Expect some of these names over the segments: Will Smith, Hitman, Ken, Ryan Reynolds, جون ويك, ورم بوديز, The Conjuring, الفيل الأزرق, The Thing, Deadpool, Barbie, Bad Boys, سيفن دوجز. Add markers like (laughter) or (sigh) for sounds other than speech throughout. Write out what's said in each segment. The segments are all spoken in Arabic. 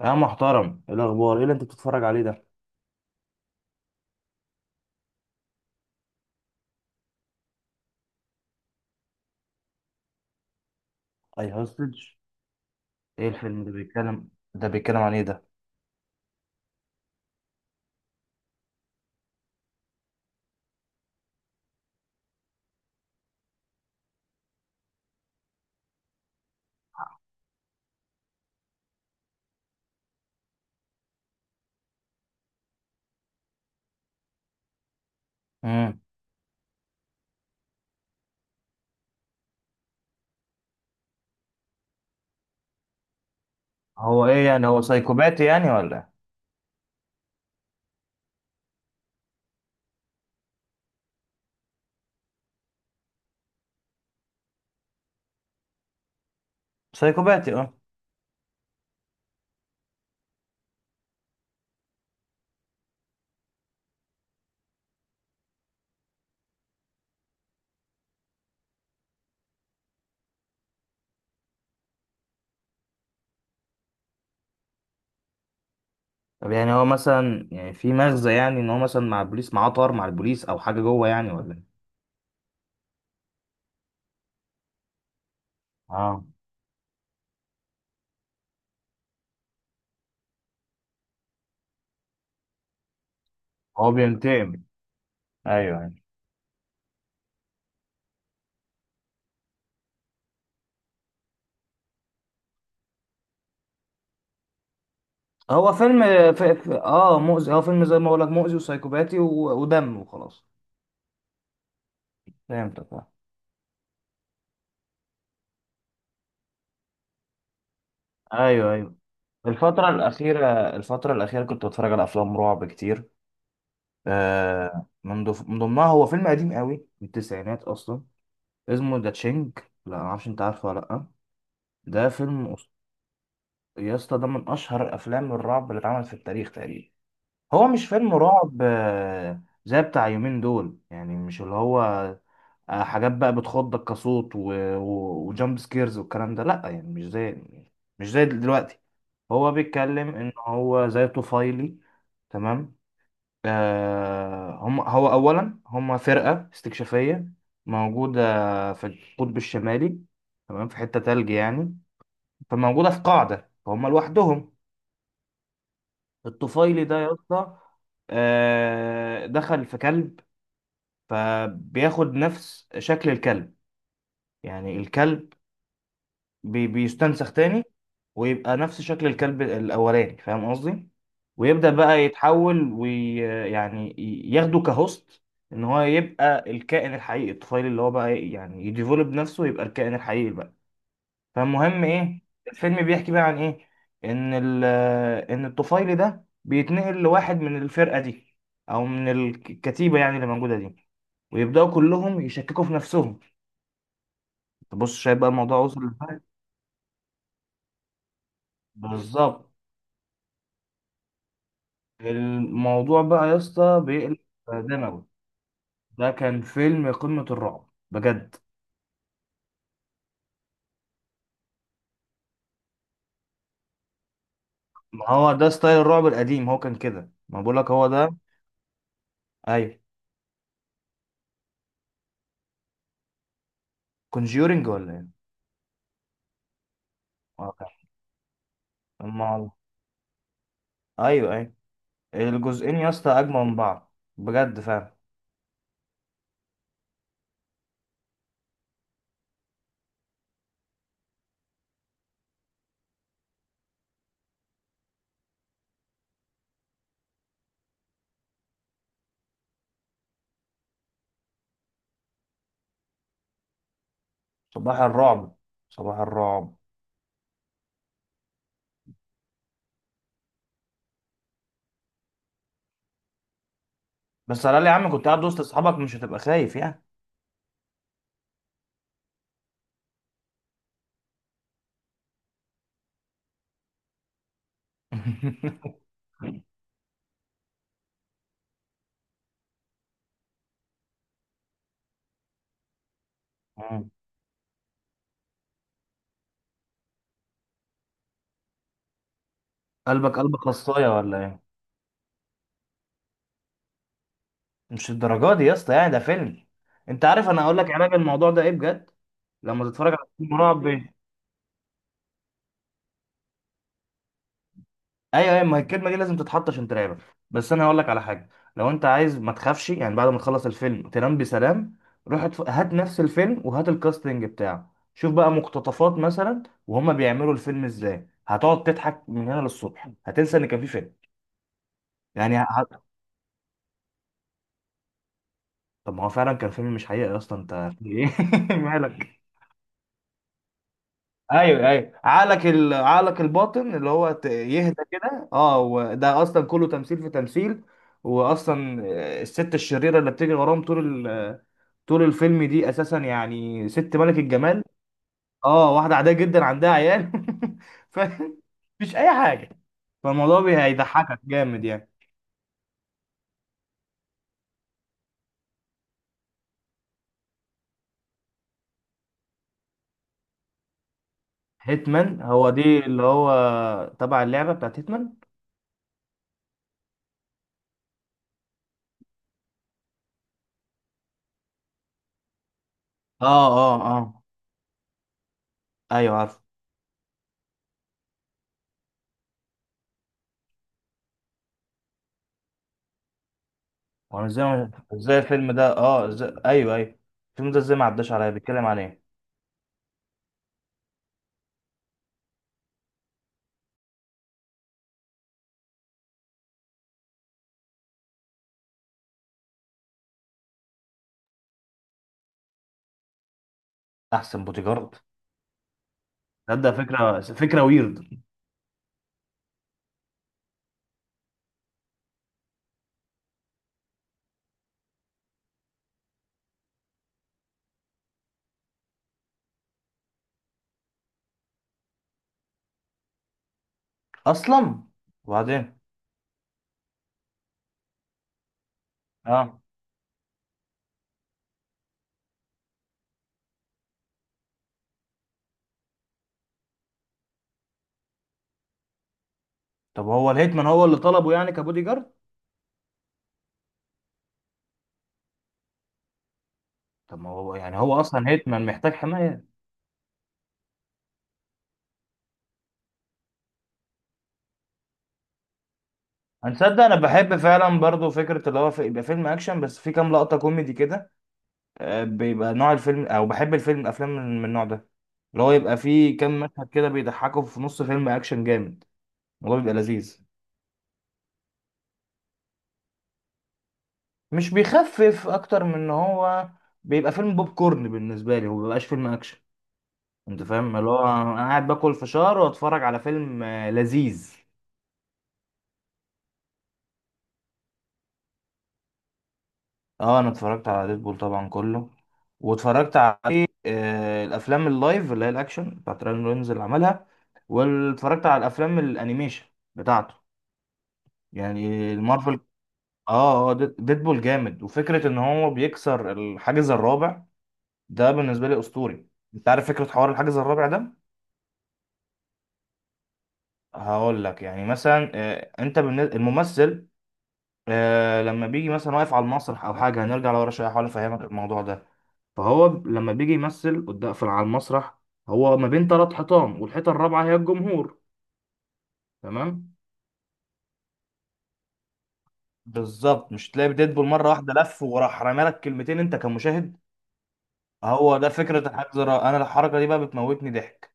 يا محترم، ايه الاخبار؟ ايه اللي انت بتتفرج عليه ده؟ اي هوستج. ايه الفيلم ده بيتكلم؟ ده بيتكلم عن ايه ده؟ امم هو ايه يعني؟ هو سايكوباتي يعني ولا إيه؟ سايكوباتي، اه. طب يعني هو مثلا يعني في مغزى يعني ان هو مثلا مع البوليس، معاه طار مع البوليس او حاجه جوه يعني ولا إيه؟ اه، هو بينتقم. ايوه أيوة. هو فيلم اه مؤذي. هو فيلم زي ما بقول لك، مؤذي وسايكوباتي و... ودم وخلاص. فهمتك آه. ايوه ايوه. الفترة الأخيرة، الفترة الأخيرة كنت بتفرج على أفلام رعب كتير. آه، من ضمنها هو فيلم قديم قوي من التسعينات اصلا، اسمه ذا تشينج. لا ما اعرفش، انت عارفه ولا لا؟ ده فيلم يا اسطى ده من اشهر افلام الرعب اللي اتعملت في التاريخ تقريبا. هو مش فيلم رعب زي بتاع يومين دول، يعني مش اللي هو حاجات بقى بتخضك كصوت و... و... وجامب سكيرز والكلام ده، لا يعني مش زي، مش زي دلوقتي. هو بيتكلم ان هو زي طفيلي، تمام. آه، هم هو أولا، هم فرقة استكشافية موجودة في القطب الشمالي، تمام، في حتة تلج يعني. فموجودة في قاعدة، فهم لوحدهم. الطفيلي ده يا اسطى دخل في كلب، فبياخد نفس شكل الكلب، يعني الكلب بي بيستنسخ تاني ويبقى نفس شكل الكلب الأولاني، فاهم قصدي؟ ويبدأ بقى يتحول ويعني ياخده كهوست، إن هو يبقى الكائن الحقيقي، الطفيل اللي هو بقى إيه، يعني يديفولب نفسه ويبقى الكائن الحقيقي بقى. فالمهم إيه، الفيلم بيحكي بقى عن إيه؟ إن ال إن الطفيل ده بيتنقل لواحد من الفرقة دي أو من الكتيبة يعني اللي موجودة دي، ويبدأوا كلهم يشككوا في نفسهم. تبص شايف بقى الموضوع وصل لفين؟ بالظبط. الموضوع بقى يا اسطى بيقلب دموي. ده كان فيلم قمة الرعب بجد. ما هو ده ستايل الرعب القديم، هو كان كده، ما بقولك هو ده. ايوه. كونجيورنج ولا ايه. اه كان أما- ايوه ايوه، الجزئين يا اسطى اجمل من بعض بجد فعلا. صباح الرعب. صباح الرعب. بس على الأقل يا عم كنت قاعد وسط اصحابك، مش هتبقى خايف يعني. (laughs) مم. قلبك قلب خصايه ولا ايه؟ مش الدرجات دي يا اسطى، يعني ده فيلم. انت عارف، انا هقول لك علاج الموضوع ده ايه بجد. لما تتفرج على فيلم رعب، ايوه ايوه، ما هي الكلمه دي لازم تتحط عشان ترعبك، بس انا هقول لك على حاجه. لو انت عايز ما تخافش، يعني بعد ما تخلص الفيلم تنام بسلام، روح هات نفس الفيلم وهات الكاستنج بتاعه، شوف بقى مقتطفات مثلا وهما بيعملوا الفيلم ازاي، هتقعد تضحك من هنا للصبح، هتنسى ان كان في فيلم يعني طب ما هو فعلا كان فيلم مش حقيقي اصلا، انت في ايه؟ (laughs) مالك. ايوه ايوه، عقلك الباطن اللي هو يهدى كده اه، وده اصلا كله تمثيل في تمثيل. واصلا آه، الست الشريره اللي بتجري وراهم طول طول الفيلم، دي اساسا يعني ست ملك الجمال. اه واحده عاديه جدا عندها عيال. (laughs) ف مفيش اي حاجه. فالموضوع هيضحكك جامد يعني. هيتمان، هو دي اللي هو تبع اللعبه بتاعت هيتمان. اه اه اه، ايوه عارف. وانا ازاي ازاي الفيلم ده اه ازاي؟ ايوه ايوه، الفيلم ده ازاي ما عداش عليا؟ بيتكلم عن ايه؟ احسن بوديجارد. تصدق فكره، فكره ويرد. اصلا وبعدين اه، طب هو الهيتمان هو اللي طلبه يعني كبودي جارد؟ طب ما هو يعني هو اصلا هيتمان محتاج حمايه؟ هنصدق. انا بحب فعلا برضو فكره اللي هو يبقى فيلم اكشن بس في كام لقطه كوميدي كده. آه، بيبقى نوع الفيلم، او بحب الفيلم الافلام من النوع ده، اللي هو يبقى فيه كام مشهد كده بيضحكوا في نص فيلم اكشن جامد. الموضوع بيبقى لذيذ. مش بيخفف، اكتر من ان هو بيبقى فيلم بوب كورن بالنسبه لي، هو مبيبقاش فيلم اكشن. انت فاهم، اللي هو انا قاعد باكل فشار واتفرج على فيلم لذيذ. اه انا اتفرجت على ديدبول طبعا كله، واتفرجت على الافلام اللايف اللي هي الاكشن بتاعت راين رينز اللي عملها، واتفرجت على الافلام الانيميشن بتاعته، يعني المارفل. اه اه، ديدبول جامد، وفكره ان هو بيكسر الحاجز الرابع، ده بالنسبه لي اسطوري. انت عارف فكره حوار الحاجز الرابع ده؟ هقول لك، يعني مثلا انت بالنسبة الممثل لما بيجي مثلا واقف على المسرح او حاجه، هنرجع لورا شويه احاول افهمك الموضوع ده. فهو لما بيجي يمثل قدام في على المسرح، هو ما بين ثلاث حيطان، والحيطه الرابعه هي الجمهور، تمام؟ بالظبط. مش تلاقي ديدبول مره واحده لف وراح رمى لك كلمتين انت كمشاهد؟ هو ده فكره الحجز انا الحركه دي بقى بتموتني ضحك.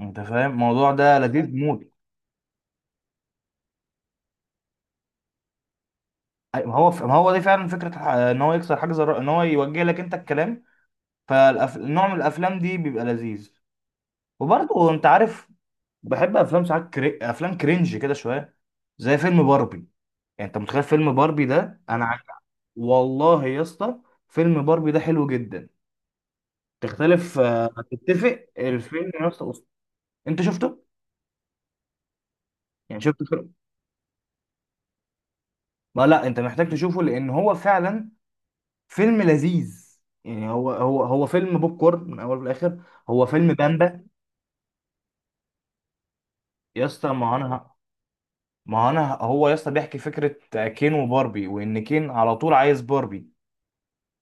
انت فاهم الموضوع ده لذيذ موت. ما هو دي فعلا فكره ان هو يكسر حجز ان هو يوجه لك انت الكلام. فالنوع من الافلام دي بيبقى لذيذ. وبرضه انت عارف، بحب افلام ساعات افلام كرنج كده شويه، زي فيلم باربي. يعني انت متخيل فيلم باربي ده؟ انا والله يا اسطى، فيلم باربي ده حلو جدا. تختلف آه، تتفق، الفيلم يا اسطى أسطوري. انت شفته؟ يعني شفت الفيلم؟ ما لا انت محتاج تشوفه، لان هو فعلا فيلم لذيذ. يعني هو فيلم بوب كورن من اول لاخر، هو فيلم بامبا. يا اسطى، ما انا ما هو انا هو يا اسطى بيحكي فكره كين وباربي، وان كين على طول عايز باربي،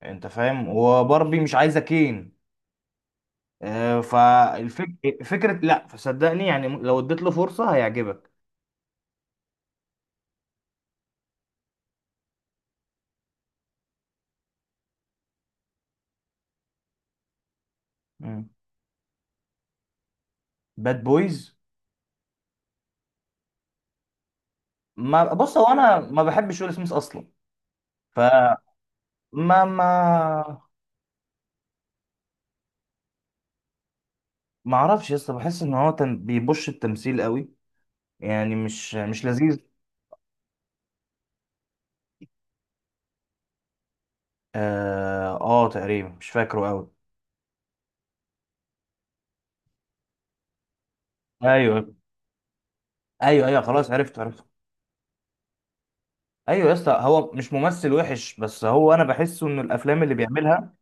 انت فاهم، وباربي مش عايزه كين، فالفك فكره. لا فصدقني يعني، لو اديت له فرصه هيعجبك. مم. باد بويز. ما بص، هو انا ما بحبش ويل سميث اصلا. فما ما ما ما اعرفش يا اسطى، بحس ان هو بيبش التمثيل قوي، يعني مش لذيذ. اه، آه تقريبا مش فاكره قوي. ايوه ايوه ايوه، خلاص عرفت عرفت. ايوه يا اسطى، هو مش ممثل وحش، بس هو انا بحسه ان الافلام اللي بيعملها،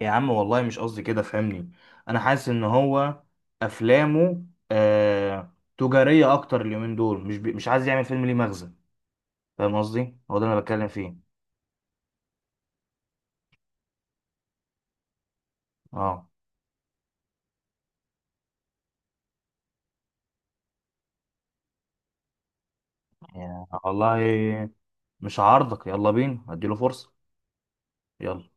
يا عم والله مش قصدي كده، فهمني. انا حاسس ان هو افلامه آه تجاريه اكتر اليومين دول، مش عايز يعمل فيلم ليه مغزى. فاهم قصدي، هو ده اللي انا بتكلم فيه. اه، يا والله مش عارضك، يلا بينا اديله فرصه. يلا.